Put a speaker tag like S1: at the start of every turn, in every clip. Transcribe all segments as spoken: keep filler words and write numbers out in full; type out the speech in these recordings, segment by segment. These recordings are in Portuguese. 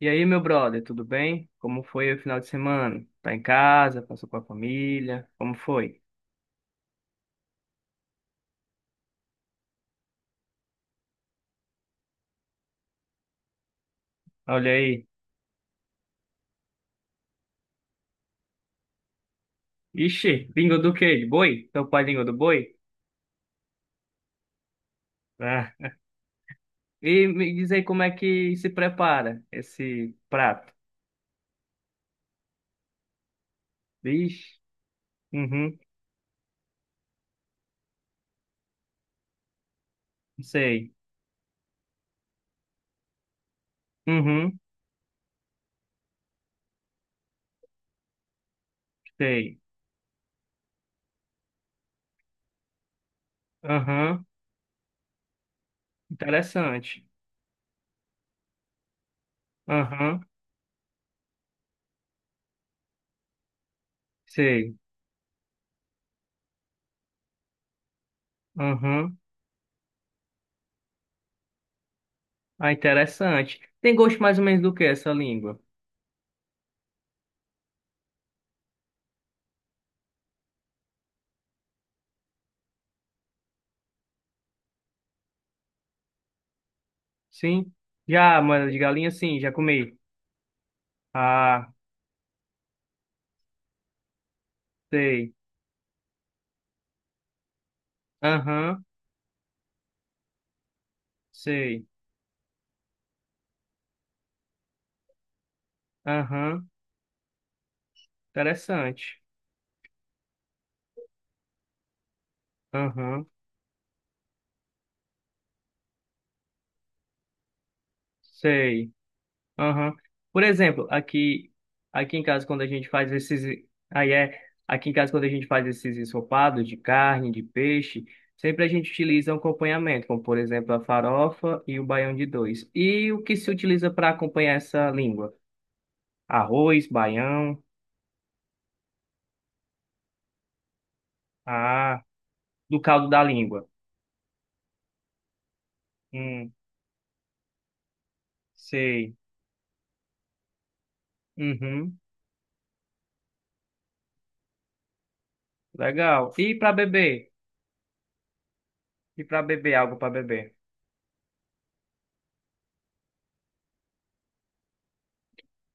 S1: E aí, meu brother, tudo bem? Como foi o final de semana? Tá em casa? Passou com a família? Como foi? Olha aí. Ixi, língua do quê? De boi? Teu pai língua do boi? Ah. E me diz aí como é que se prepara esse prato. Vixe, uhum, sei. Uhum, sei. Aham, interessante. Aham, sei. Aham, ah, interessante. Tem gosto mais ou menos do que essa língua? Sim? Já, mano, de galinha, sim, já comi. Ah. Sei. Aham, sei. Aham, interessante. Aham, sei. Aham. Por exemplo, aqui, aqui em casa, quando a gente faz esses. Aí é. Aqui em casa, quando a gente faz esses ensopados de carne, de peixe, sempre a gente utiliza um acompanhamento, como por exemplo a farofa e o baião de dois. E o que se utiliza para acompanhar essa língua? Arroz, baião, ah, do caldo da língua. Hum, sei. Uhum, legal. E para beber? E para beber, algo para beber.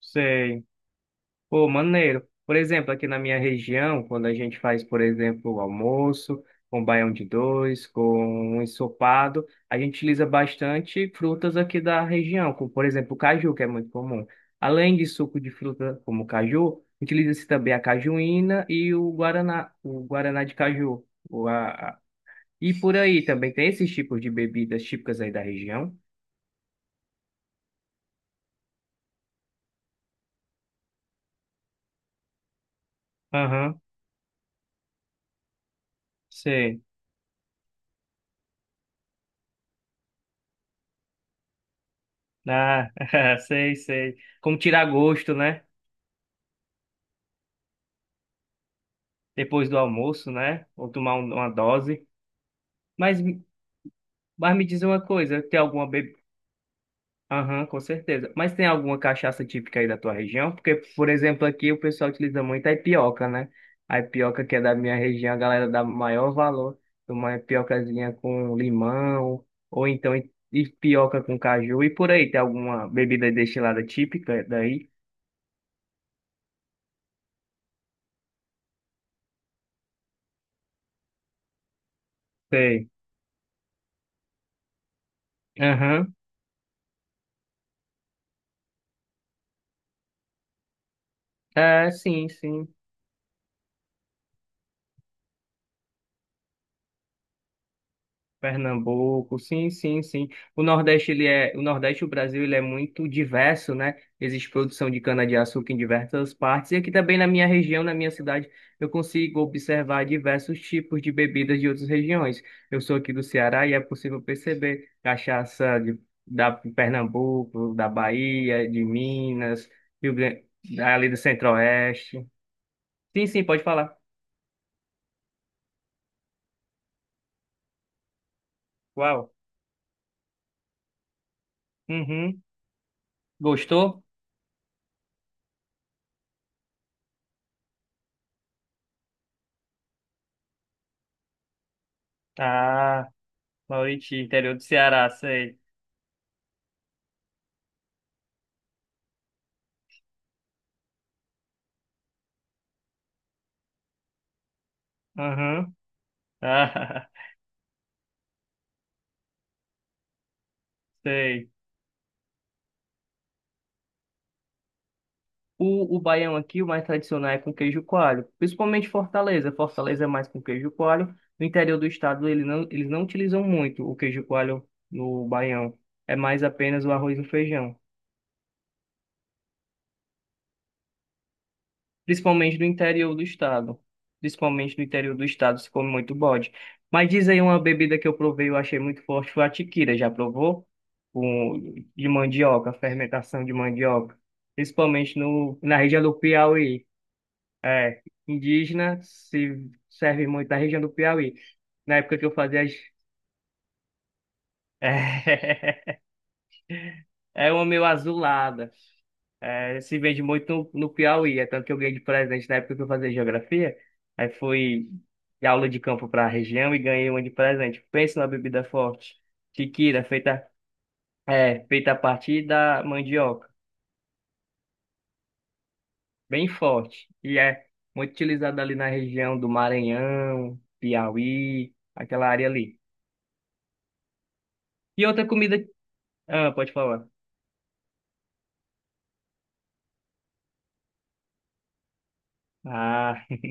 S1: Sei. Pô, maneiro. Por exemplo, aqui na minha região, quando a gente faz, por exemplo, o almoço, com baião de dois, com um ensopado, a gente utiliza bastante frutas aqui da região, como, por exemplo, o caju, que é muito comum. Além de suco de fruta como o caju, utiliza-se também a cajuína e o guaraná, o guaraná de caju. O, a, a- E por aí também tem esses tipos de bebidas típicas aí da região? Aham, sei. Ah, sei, sei. Como tirar gosto, né? Depois do almoço, né? Ou tomar um- uma dose. Mas, me- mas me diz uma coisa, tem alguma bebida? Aham, com certeza. Mas tem alguma cachaça típica aí da tua região? Porque, por exemplo, aqui o pessoal utiliza muito a ipioca, né? A ipioca que é da minha região, a galera dá maior valor. Uma ipiocazinha com limão, ou então ipioca com caju. E por aí, tem alguma bebida destilada típica daí? Sei. Aham. É, sim, sim. Pernambuco, sim, sim, sim. O Nordeste, ele é, o Nordeste, o Brasil, ele é muito diverso, né? Existe produção de cana-de-açúcar em diversas partes. E aqui também na minha região, na minha cidade, eu consigo observar diversos tipos de bebidas de outras regiões. Eu sou aqui do Ceará e é possível perceber cachaça de, da Pernambuco, da Bahia, de Minas, Rio Grande, ali do Centro-Oeste. Sim, sim, pode falar. Uau. Uhum. Gostou? Ah. Mauriti, interior do Ceará, sei. Aham. Ah, sei. O, o baião aqui, o mais tradicional é com queijo coalho, principalmente Fortaleza. Fortaleza é mais com queijo coalho. No interior do estado, ele não, eles não utilizam muito o queijo coalho no baião. É mais apenas o arroz e o feijão. Principalmente no interior do estado. Principalmente no interior do estado se come muito bode. Mas diz aí uma bebida que eu provei, eu achei muito forte, foi a tiquira. Já provou? Com, de mandioca, fermentação de mandioca. Principalmente no, na região do Piauí. É, indígena se serve muito na região do Piauí. Na época que eu fazia... as- É, é uma meio azulada. É, se vende muito no Piauí, é tanto que eu ganhei de presente na época que eu fazia geografia. Aí fui de aula de campo para a região e ganhei uma de presente. Pensa numa bebida forte. Tiquira, feita, é, feita a partir da mandioca. Bem forte. E é muito utilizada ali na região do Maranhão, Piauí, aquela área ali. E outra comida. Ah, pode falar. Ah.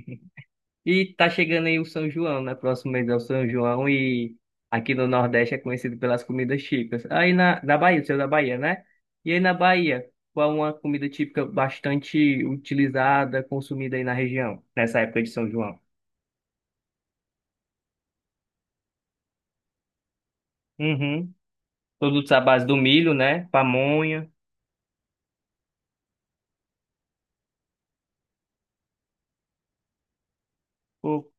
S1: E tá chegando aí o São João, né? Próximo mês é o São João e aqui no Nordeste é conhecido pelas comidas típicas. Aí na, na Bahia, o seu é da Bahia, né? E aí na Bahia, qual é uma comida típica bastante utilizada, consumida aí na região, nessa época de São João? Uhum. Produtos à base do milho, né? Pamonha. Pô,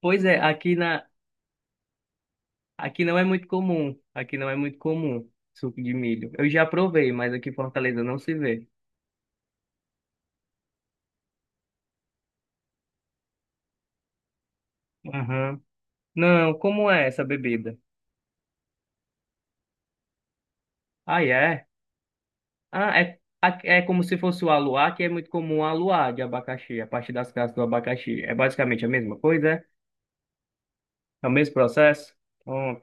S1: pois é, aqui na, aqui não é muito comum. Aqui não é muito comum suco de milho. Eu já provei, mas aqui em Fortaleza não se vê. Aham. Não, como é essa bebida? Ah, é? Ah, é, a- é como se fosse o aluá, que é muito comum o aluá de abacaxi, a partir das cascas do abacaxi. É basicamente a mesma coisa, é? É o mesmo processo? Hum.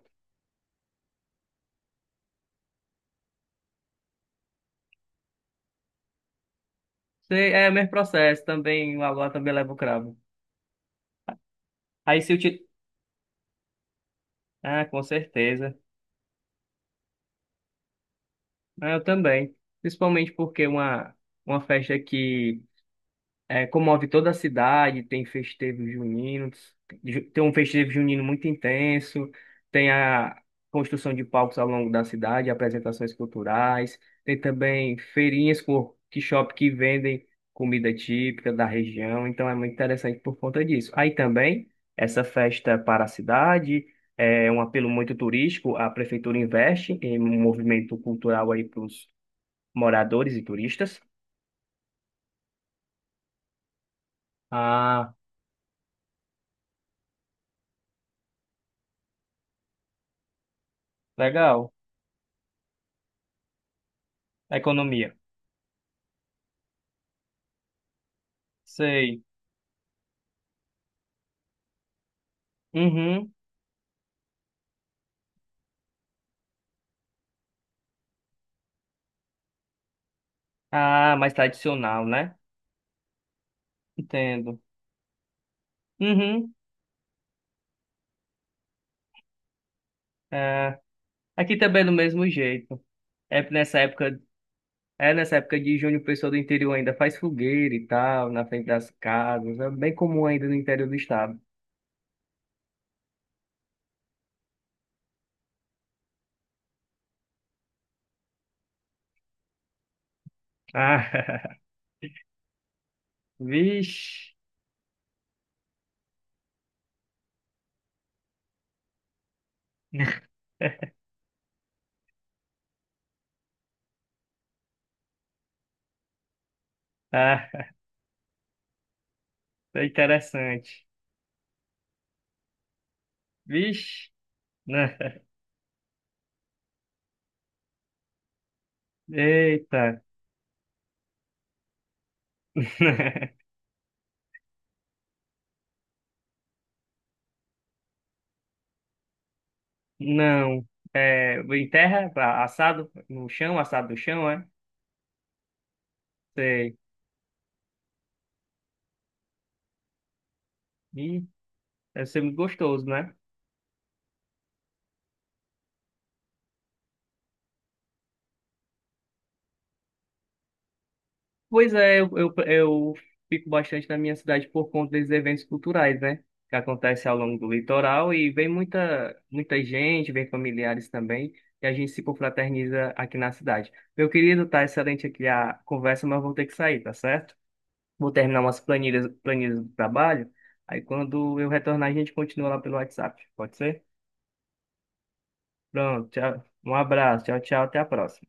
S1: Sei, é o mesmo processo também, o aluá também leva o cravo. Aí se eu te... Ah, com certeza. Ah, eu também. Principalmente porque uma, uma festa que É, comove toda a cidade, tem festejos juninos, ju- tem um festejo junino muito intenso, tem a construção de palcos ao longo da cidade, apresentações culturais, tem também feirinhas com workshop que vendem comida típica da região, então é muito interessante por conta disso. Aí também, essa festa para a cidade é um apelo muito turístico, a prefeitura investe em um movimento cultural aí para os moradores e turistas. Ah, legal. A economia. Sei. Uhum. Ah, mais tradicional, né? Entendo. Uhum. É. Aqui também é do mesmo jeito. É nessa época, é nessa época de junho, o pessoal do interior ainda faz fogueira e tal, na frente das casas. É bem comum ainda no interior do estado. Ah, vixe. Ah, tá interessante. Vixe. né? Eita. Não. É, em terra, assado no chão, assado no chão, é? Sei. Deve ser muito gostoso, né? Pois é, eu, eu, eu fico bastante na minha cidade por conta desses eventos culturais, né? Que acontecem ao longo do litoral e vem muita, muita gente, vem familiares também, e a gente se confraterniza aqui na cidade. Meu querido, tá excelente aqui a conversa, mas eu vou ter que sair, tá certo? Vou terminar umas planilhas, planilhas do trabalho, aí quando eu retornar a gente continua lá pelo WhatsApp, pode ser? Pronto, tchau. Um abraço, tchau, tchau, até a próxima.